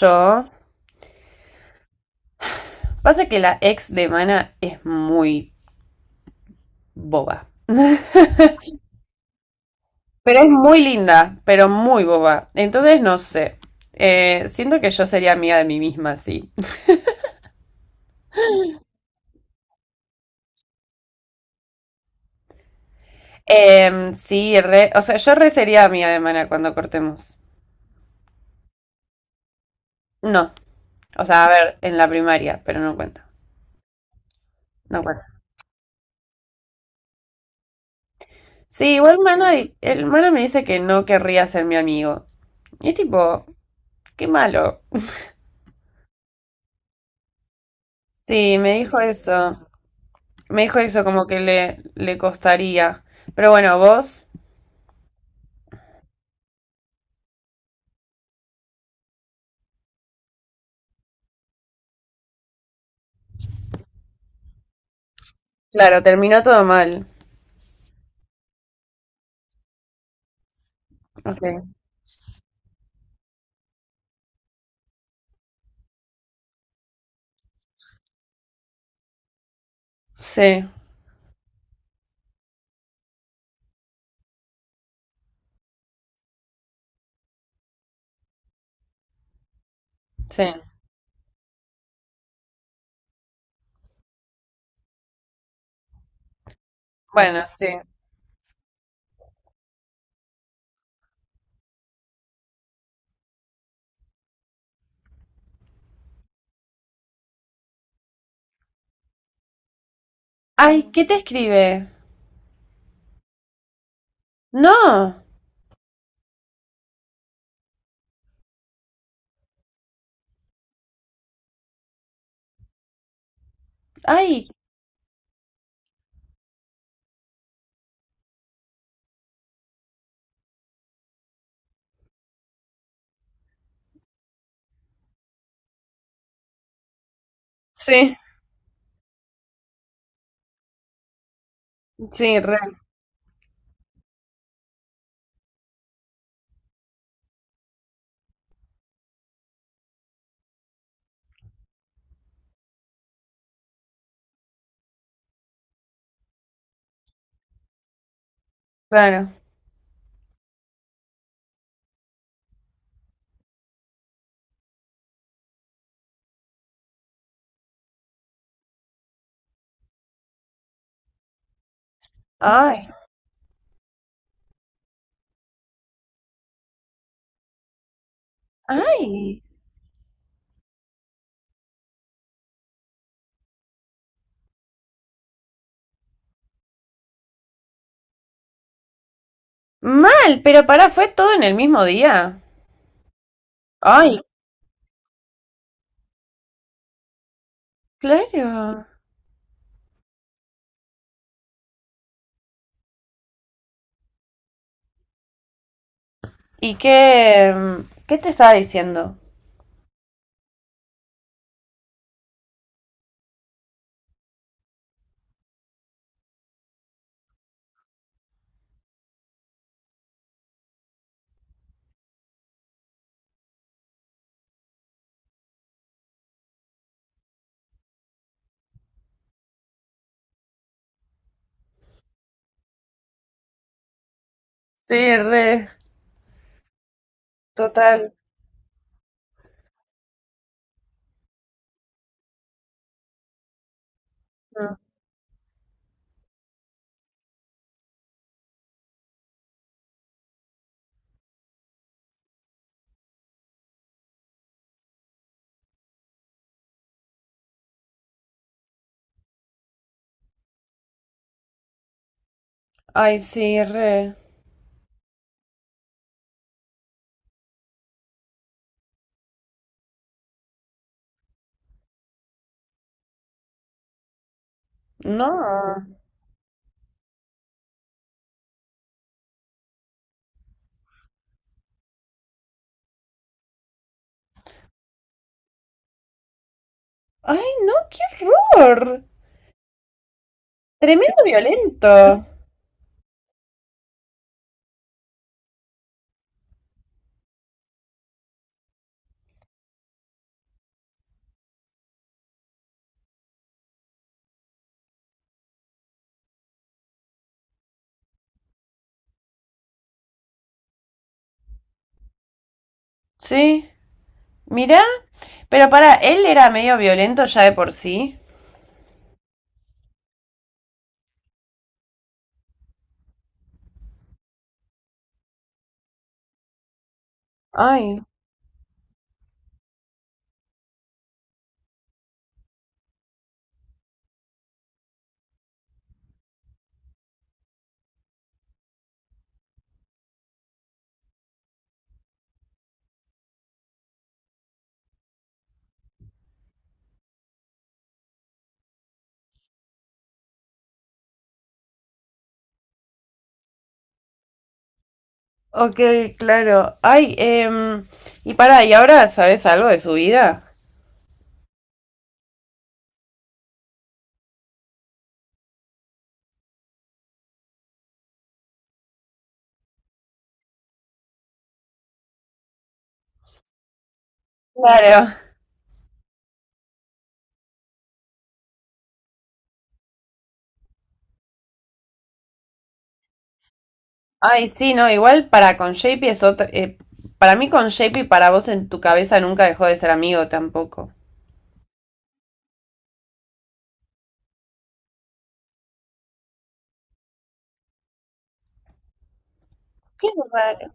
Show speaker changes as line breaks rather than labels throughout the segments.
Yo. Pasa que la ex de Mana es muy boba. Pero es muy linda, pero muy boba. Entonces, no sé. Siento que yo sería amiga de mí misma, sí. Sí, o sea, yo re sería amiga de Mana cuando cortemos. No. O sea, a ver, en la primaria, pero no cuenta. No cuenta. Sí, igual Mana, el Mana me dice que no querría ser mi amigo. Y es tipo, qué malo. Sí, me dijo eso. Me dijo eso, como que le costaría. Pero bueno, vos, claro, terminó todo mal. Okay. Sí, sí. Bueno, sí. Ay, ¿qué te escribe? No. Ay. Sí, sí, re, claro. Ay, ay. Mal, pero pará, fue todo en el mismo día. Ay, claro. ¿Y qué, qué te estaba diciendo? Sí, re, total. Ay, sí, re. No. Ay, no, qué horror. Tremendo violento. Sí. Mirá. Pero para, él era medio violento ya de por sí. Ay. Ok, claro. Ay, y para, ¿y ahora sabes algo de su vida? Claro. Ay, sí, no, igual para con JP es otra... para mí con JP, para vos en tu cabeza nunca dejó de ser amigo tampoco. Qué raro.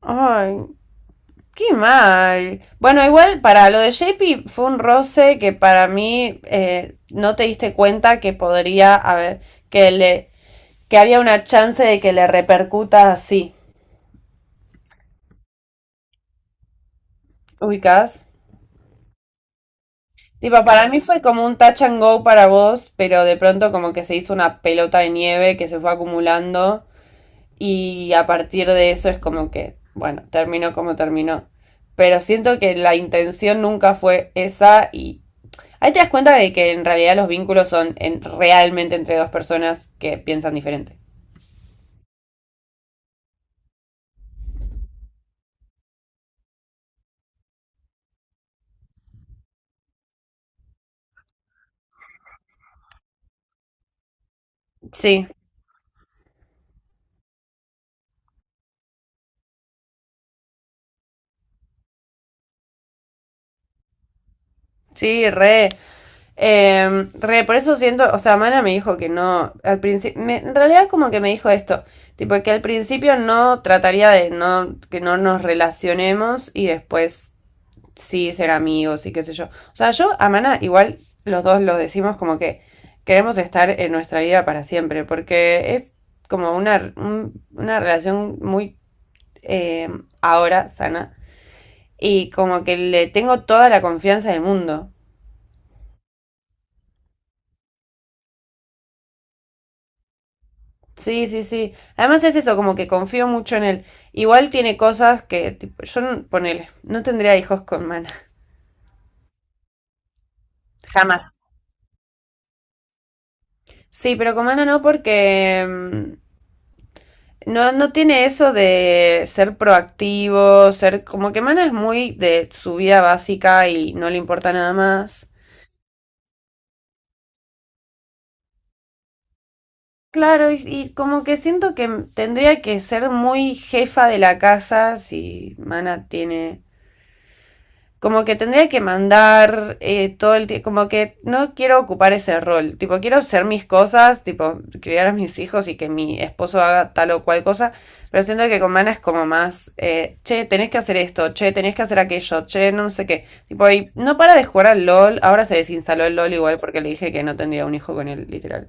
Ay, qué mal. Bueno, igual para lo de JP fue un roce que para mí no te diste cuenta que podría haber, que le, que había una chance de que le repercuta así. ¿Ubicás? Tipo, para mí fue como un touch and go para vos, pero de pronto como que se hizo una pelota de nieve que se fue acumulando y a partir de eso es como que, bueno, terminó como terminó. Pero siento que la intención nunca fue esa y ahí te das cuenta de que en realidad los vínculos son realmente entre dos personas que piensan diferente. Sí, sí, re. Re, por eso siento, o sea, Mana me dijo que no, al principio, en realidad como que me dijo esto, tipo que al principio no trataría de no, que no nos relacionemos y después sí ser amigos y qué sé yo. O sea, yo a Mana igual los dos lo decimos como que queremos estar en nuestra vida para siempre, porque es como una relación muy eh, ahora sana. Y como que le tengo toda la confianza del mundo. Sí, sí, sí. Además es eso, como que confío mucho en él. Igual tiene cosas que, tipo, yo, ponele, no tendría hijos con Mana. Jamás. Sí, pero con Mana no porque no, no tiene eso de ser proactivo, ser como que Mana es muy de su vida básica y no le importa nada más. Claro, y como que siento que tendría que ser muy jefa de la casa si Mana tiene, como que tendría que mandar todo el tiempo, como que no quiero ocupar ese rol, tipo quiero hacer mis cosas, tipo criar a mis hijos y que mi esposo haga tal o cual cosa, pero siento que con Mana es como más, che, tenés que hacer esto, che, tenés que hacer aquello, che, no sé qué, tipo, y no para de jugar al LOL, ahora se desinstaló el LOL igual porque le dije que no tendría un hijo con él, literal.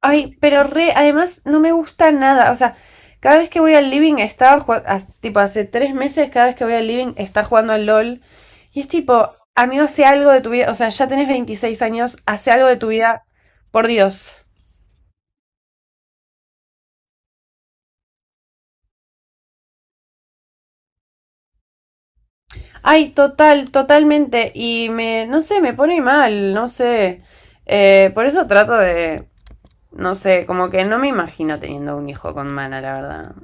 Ay, pero re, además no me gusta nada. O sea, cada vez que voy al living estaba jugando, tipo hace 3 meses, cada vez que voy al living está jugando al LOL. Y es tipo, amigo, hace algo de tu vida. O sea, ya tenés 26 años, hace algo de tu vida. Por Dios. Ay, total, totalmente. Y me, no sé, me pone mal, no sé. Por eso trato de, no sé, como que no me imagino teniendo un hijo con mana, la verdad.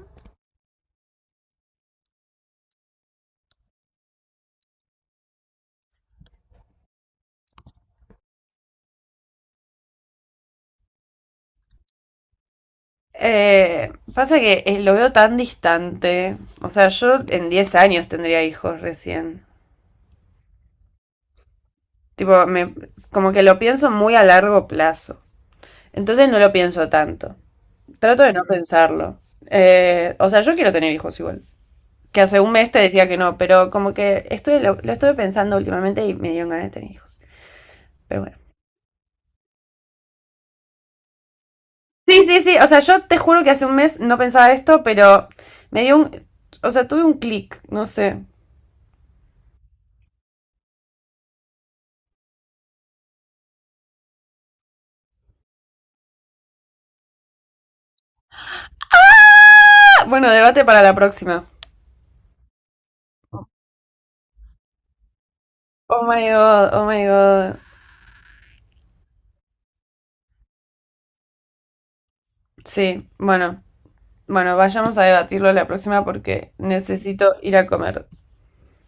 Pasa que lo veo tan distante. O sea, yo en 10 años tendría hijos recién. Tipo, me, como que lo pienso muy a largo plazo. Entonces no lo pienso tanto. Trato de no pensarlo. O sea, yo quiero tener hijos igual. Que hace un mes te decía que no, pero como que estoy, lo estuve pensando últimamente y me dieron ganas de tener hijos. Pero bueno. Sí, sí, sí. O sea, yo te juro que hace un mes no pensaba esto, pero me dio un... O sea, tuve un clic, no sé. Ah, bueno, debate para la próxima. Oh my god, oh my god. Sí, bueno, bueno, vayamos a debatirlo la próxima porque necesito ir a comer.